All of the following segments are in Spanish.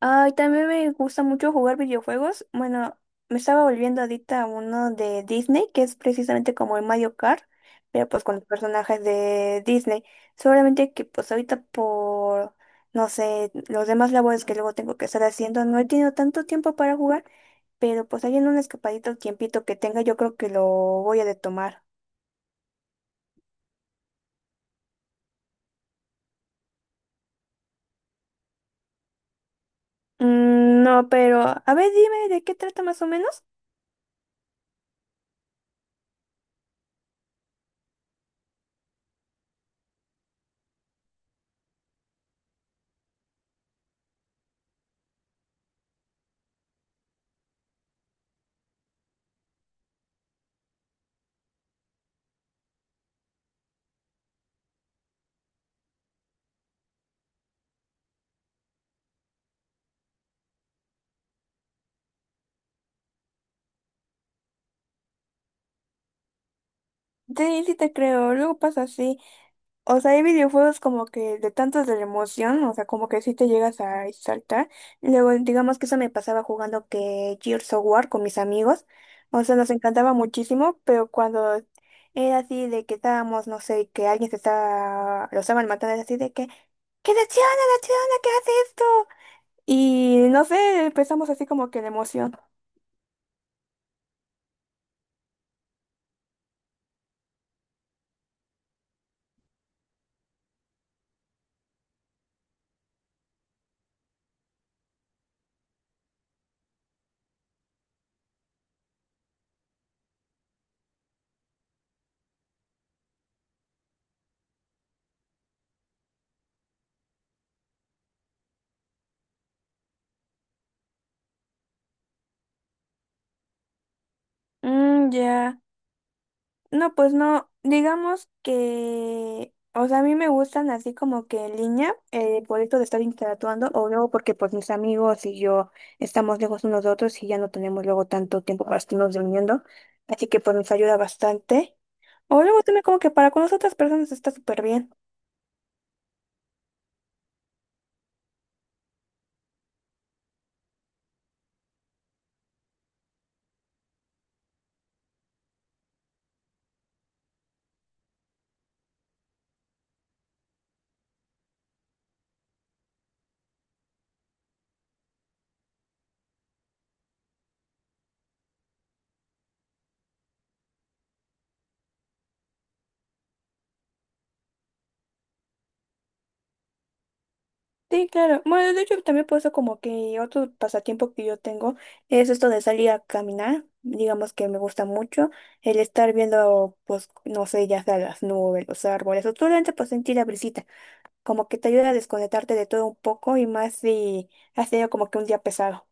Ay, también me gusta mucho jugar videojuegos. Bueno, me estaba volviendo adicta a uno de Disney, que es precisamente como el Mario Kart, pero pues con los personajes de Disney. Solamente que pues ahorita por, no sé, los demás labores que luego tengo que estar haciendo, no he tenido tanto tiempo para jugar, pero pues ahí en un escapadito el tiempito que tenga, yo creo que lo voy a retomar. Mm, no, pero a ver, dime de qué trata más o menos. Sí, sí te creo, luego pasa así. O sea, hay videojuegos como que de tantos de la emoción, o sea, como que sí te llegas a exaltar. Y luego, digamos que eso me pasaba jugando que Gears of War con mis amigos. O sea, nos encantaba muchísimo, pero cuando era así de que estábamos, no sé, que alguien se estaba, lo estaban matando, era así de que, ¡qué decepciona, decepciona, qué hace esto! Y no sé, empezamos así como que la emoción. Mm, ya. No, pues no, digamos que, o sea, a mí me gustan así como que en línea, por esto de estar interactuando, o luego porque pues mis amigos y yo estamos lejos unos de otros y ya no tenemos luego tanto tiempo para estarnos reuniendo, así que pues nos ayuda bastante. O luego también como que para con las otras personas está súper bien. Sí, claro. Bueno, de hecho, también por eso como que otro pasatiempo que yo tengo es esto de salir a caminar. Digamos que me gusta mucho el estar viendo, pues, no sé, ya sea las nubes, los árboles, o solamente pues sentir la brisita. Como que te ayuda a desconectarte de todo un poco y más si has tenido como que un día pesado.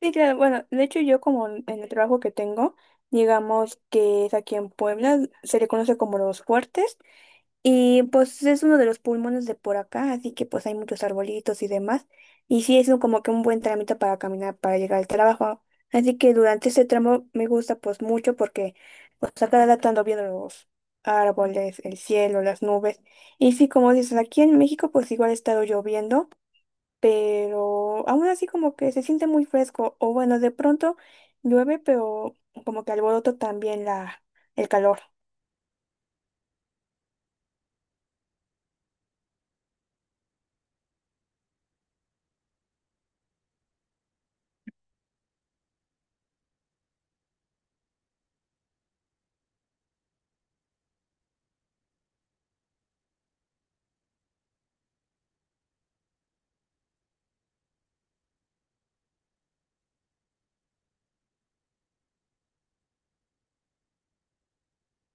Sí, claro. Bueno, de hecho yo como en el trabajo que tengo, digamos que es aquí en Puebla, se le conoce como los fuertes. Y pues es uno de los pulmones de por acá, así que pues hay muchos arbolitos y demás. Y sí es como que un buen trámite para caminar, para llegar al trabajo. Así que durante ese tramo me gusta pues mucho porque pues a cada rato ando viendo los árboles, el cielo, las nubes. Y sí, como dices, aquí en México pues igual ha estado lloviendo, pero aún así como que se siente muy fresco. O bueno, de pronto llueve, pero como que alboroto también el calor.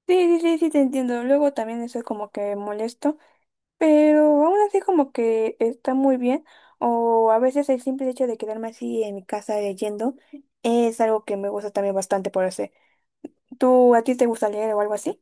Sí, sí, sí, sí, te entiendo. Luego también eso es como que molesto, pero aún así como que está muy bien. O a veces el simple hecho de quedarme así en mi casa leyendo es algo que me gusta también bastante por hacer. ¿Tú a ti te gusta leer o algo así?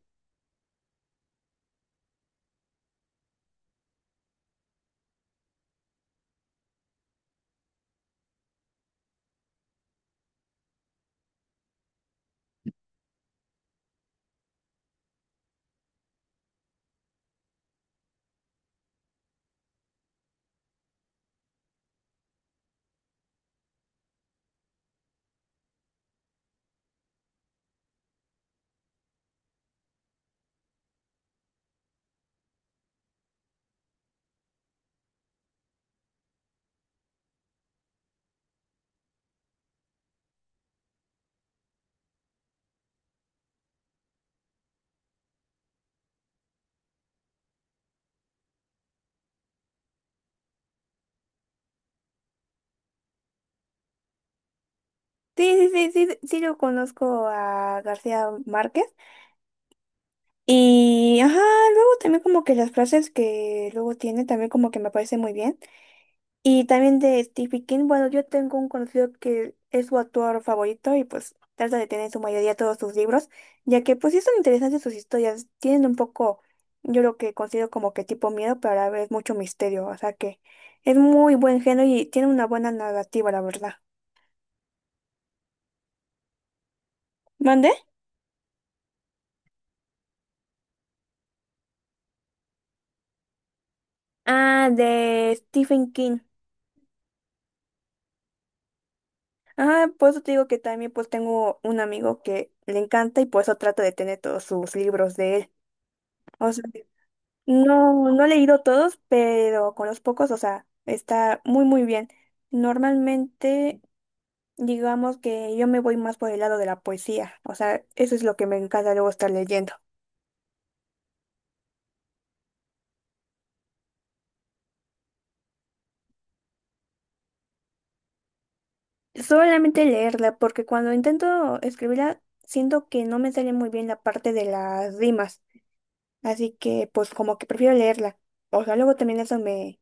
Sí, sí, sí, sí, sí, sí lo conozco a García Márquez. Y, ajá, luego también como que las frases que luego tiene también como que me parecen muy bien. Y también de Stephen King, bueno, yo tengo un conocido que es su autor favorito y pues trata de tener en su mayoría todos sus libros, ya que pues sí son interesantes sus historias, tienen un poco, yo lo que considero como que tipo miedo, pero a la vez mucho misterio, o sea que es muy buen género y tiene una buena narrativa, la verdad. ¿Mande? Ah, de Stephen King. Ajá, por eso te digo que también pues tengo un amigo que le encanta y por eso trato de tener todos sus libros de él. O sea, no, no he leído todos, pero con los pocos, o sea, está muy, muy bien. Normalmente, digamos que yo me voy más por el lado de la poesía, o sea, eso es lo que me encanta luego estar leyendo. Solamente leerla, porque cuando intento escribirla, siento que no me sale muy bien la parte de las rimas, así que pues como que prefiero leerla. O sea, luego también eso me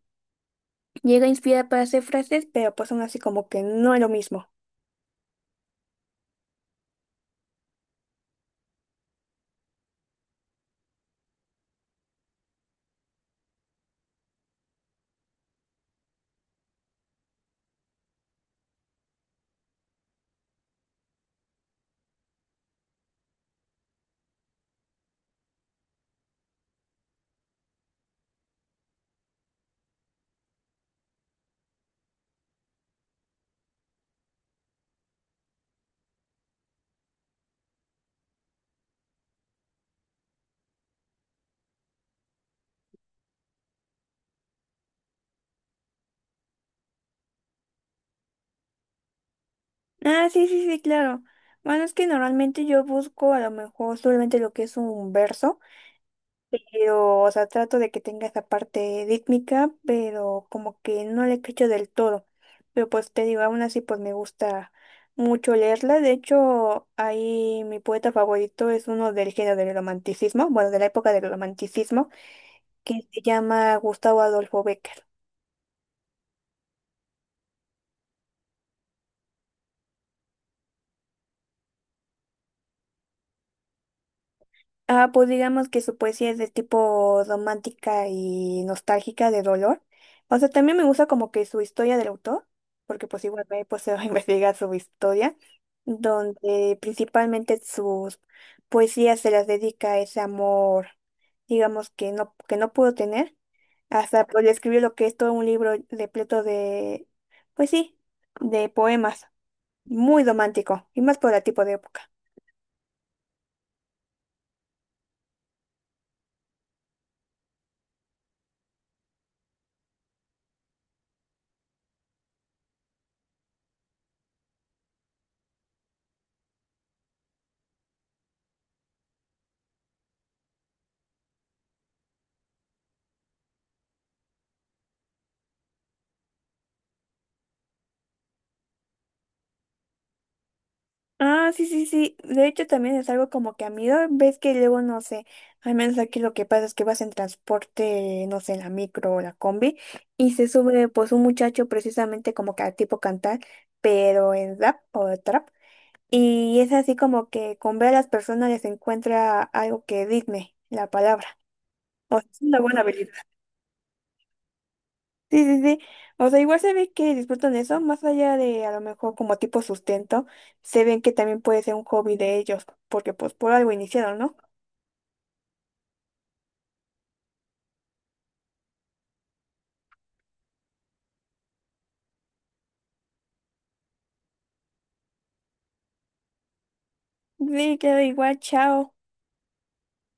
llega a inspirar para hacer frases, pero pues aún así como que no es lo mismo. Ah, sí, sí, sí, claro. Bueno, es que normalmente yo busco a lo mejor solamente lo que es un verso, pero, o sea, trato de que tenga esa parte rítmica, pero como que no le cacho del todo. Pero pues te digo, aún así pues me gusta mucho leerla. De hecho, ahí mi poeta favorito es uno del género del romanticismo, bueno, de la época del romanticismo, que se llama Gustavo Adolfo Becker. Ah, pues digamos que su poesía es de tipo romántica y nostálgica de dolor. O sea, también me gusta como que su historia del autor, porque pues igual me pues se va a investigar su historia, donde principalmente sus poesías se las dedica a ese amor, digamos que no pudo tener. Hasta pues le escribió lo que es todo un libro repleto de, pues sí, de poemas, muy romántico, y más por el tipo de época. Ah, sí, sí, sí. De hecho, también es algo como que a mí, ¿no? Ves que luego, no sé, al menos aquí lo que pasa es que vas en transporte, no sé, en la micro o la combi, y se sube pues un muchacho precisamente como que a tipo cantar, pero en rap o trap, y es así como que con ver a las personas les encuentra algo que digne la palabra. O sea, es una buena habilidad. Sí, sí, sí. O sea, igual se ve que disfrutan eso, más allá de a lo mejor como tipo sustento, se ven que también puede ser un hobby de ellos, porque pues por algo iniciaron, ¿no? Sí, queda igual, chao.